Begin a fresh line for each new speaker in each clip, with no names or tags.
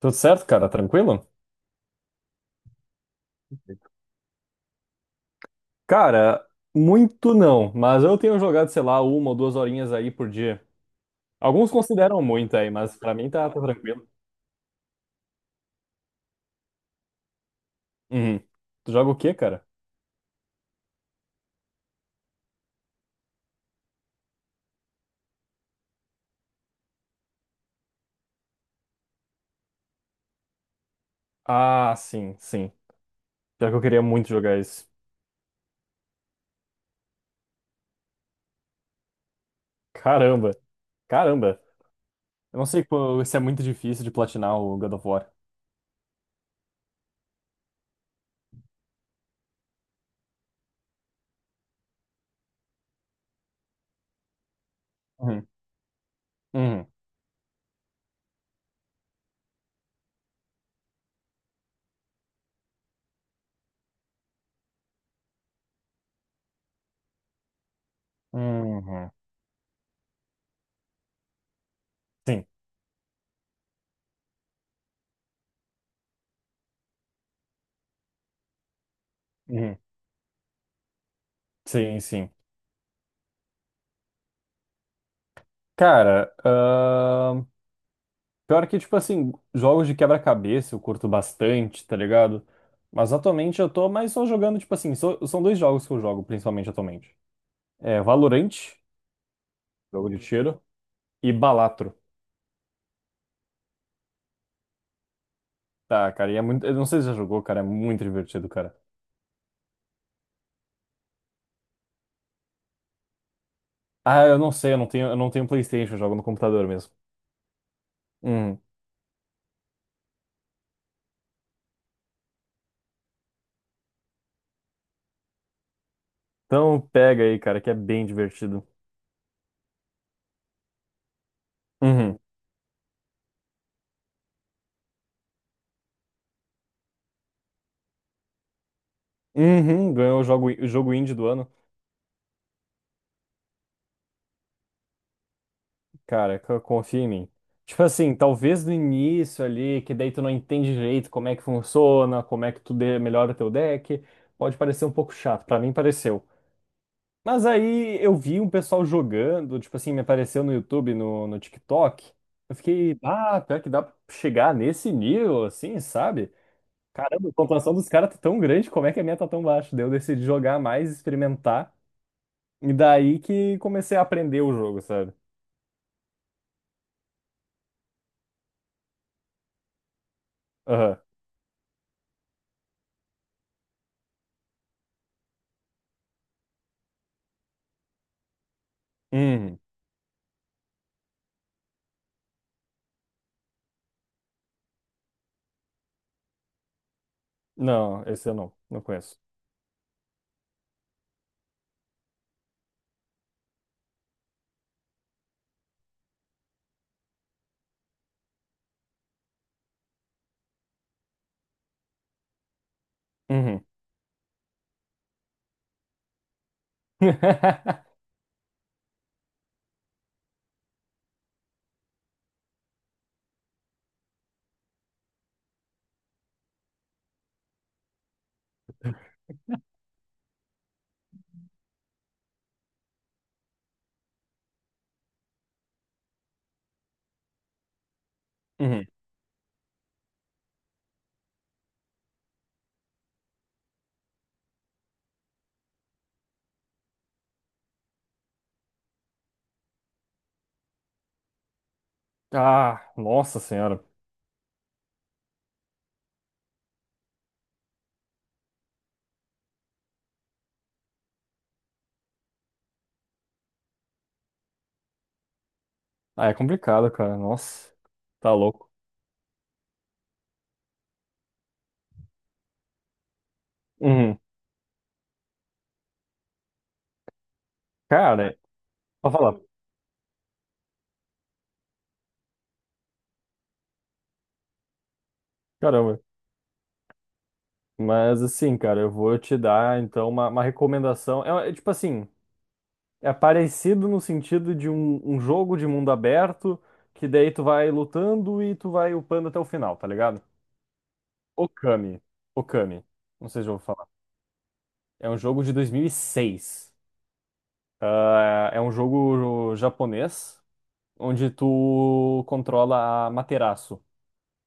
Tudo certo, cara? Tranquilo? Cara, muito não, mas eu tenho jogado, sei lá, uma ou duas horinhas aí por dia. Alguns consideram muito aí, mas pra mim tá tranquilo. Uhum. Tu joga o quê, cara? Ah, sim, sim. Pior que eu queria muito jogar isso. Caramba, caramba. Eu não sei se é muito difícil de platinar o God of War. Uhum. Uhum. Uhum. Sim. Uhum. Sim, sim. Cara, pior que, tipo assim, jogos de quebra-cabeça eu curto bastante, tá ligado? Mas atualmente eu tô mais só jogando, tipo assim, são dois jogos que eu jogo principalmente atualmente. É Valorant, jogo de tiro, e Balatro. Tá, cara, e é muito, eu não sei se já jogou, cara, é muito divertido, cara. Ah, eu não sei, eu não tenho PlayStation, eu jogo no computador mesmo. Uhum. Então pega aí, cara, que é bem divertido. Uhum. Uhum, ganhou o jogo indie do ano. Cara, confia em mim. Tipo assim, talvez no início ali, que daí tu não entende direito como é que funciona, como é que tu melhora o teu deck, pode parecer um pouco chato, pra mim pareceu. Mas aí eu vi um pessoal jogando, tipo assim, me apareceu no YouTube, no TikTok. Eu fiquei, ah, pior que dá pra chegar nesse nível, assim, sabe? Caramba, a pontuação dos caras tá tão grande, como é que a minha tá tão baixa? Daí eu decidi jogar mais, experimentar, e daí que comecei a aprender o jogo, sabe? Aham. Uhum. Não, esse eu não conheço. Uhum. Uhum. Ah, nossa senhora. Ah, é complicado, cara. Nossa, tá louco. Uhum. Cara, falar. Caramba. Mas assim, cara, eu vou te dar então uma recomendação. É tipo assim, é parecido no sentido de um jogo de mundo aberto, que daí tu vai lutando e tu vai upando até o final, tá ligado? Okami. Okami. Não sei se eu vou falar. É um jogo de 2006. Ah, é um jogo japonês onde tu controla a Materaço,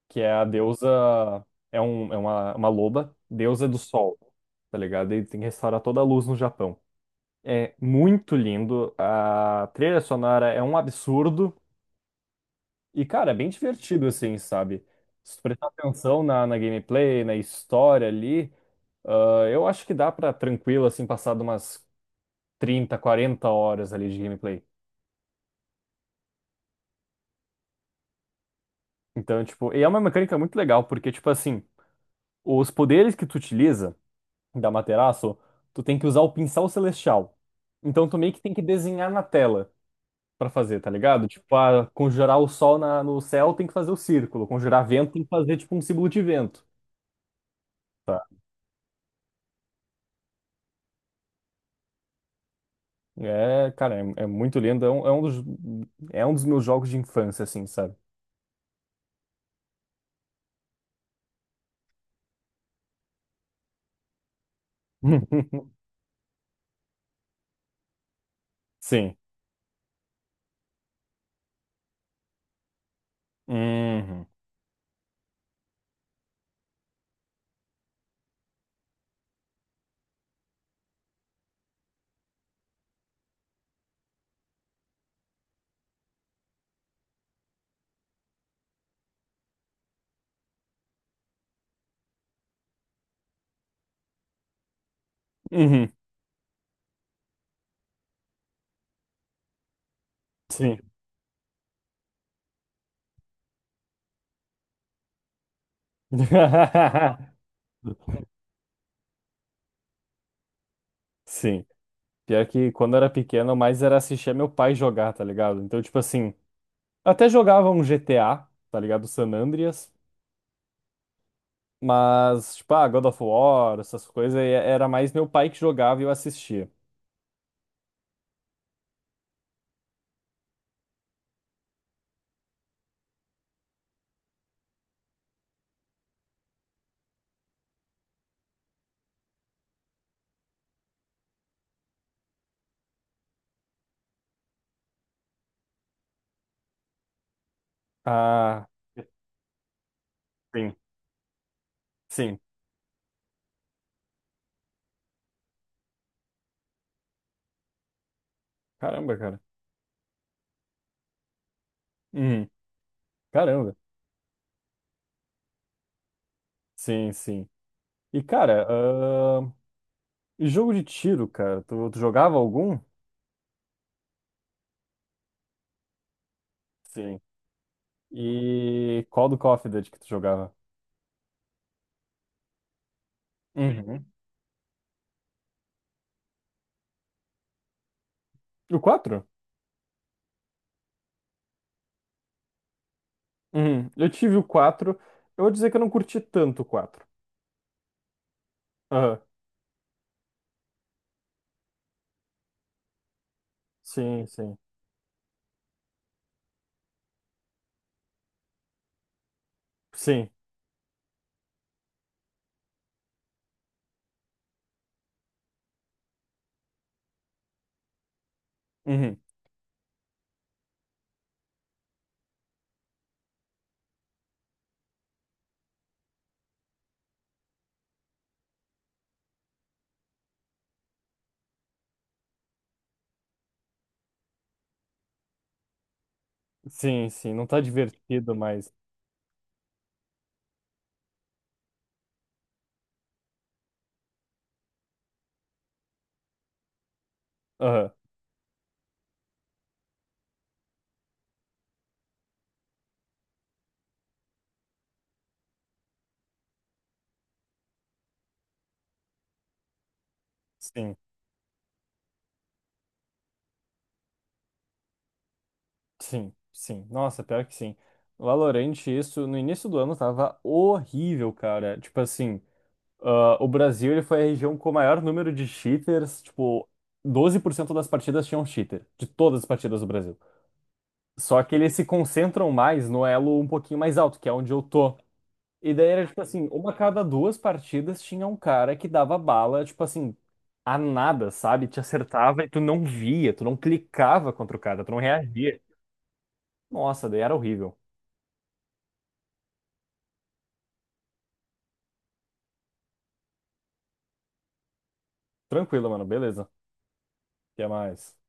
que é a deusa, é uma loba, deusa do sol, tá ligado? E tem que restaurar toda a luz no Japão. É muito lindo, a trilha sonora é um absurdo e, cara, é bem divertido assim, sabe? Se tu prestar atenção na gameplay, na história ali, ah, eu acho que dá pra tranquilo assim passar de umas 30, 40 horas ali de gameplay. Então, tipo, e é uma mecânica muito legal, porque, tipo assim, os poderes que tu utiliza da Materaço, tu tem que usar o pincel celestial. Então, tu meio que tem que desenhar na tela pra fazer, tá ligado? Tipo, ah, conjurar o sol no céu tem que fazer o círculo, conjurar vento tem que fazer, tipo, um símbolo de vento. É, cara, é muito lindo, é um dos meus jogos de infância, assim, sabe? Sim. Uhum. Uhum. Sim. Sim. Pior que quando eu era pequeno, mais era assistir meu pai jogar, tá ligado? Então, tipo assim, até jogava um GTA, tá ligado? San Andreas, mas, tipo, ah, God of War, essas coisas, e era mais meu pai que jogava e eu assistia. Ah, sim, sim. Caramba, cara. Uhum. Caramba. Sim, sim. E, cara, e jogo de tiro, cara, tu jogava algum? Sim. E qual do Call of Duty que tu jogava? Uhum. O quatro. Uhum. Eu tive o quatro. Eu vou dizer que eu não curti tanto o quatro. Aham. Sim, sim. Sim. Uhum. Sim, sim. Não tá divertido, mas. Aham. Sim, sim, sim. Nossa, pior que sim. Valorant, isso no início do ano tava horrível, cara. Tipo assim, ah, o Brasil ele foi a região com o maior número de cheaters. Tipo, 12% das partidas tinham cheater, de todas as partidas do Brasil. Só que eles se concentram mais no elo um pouquinho mais alto, que é onde eu tô. E daí era tipo assim, uma a cada duas partidas tinha um cara que dava bala, tipo assim, a nada, sabe? Te acertava e tu não via, tu não clicava contra o cara, tu não reagia. Nossa, daí era horrível. Tranquilo, mano, beleza. Até mais.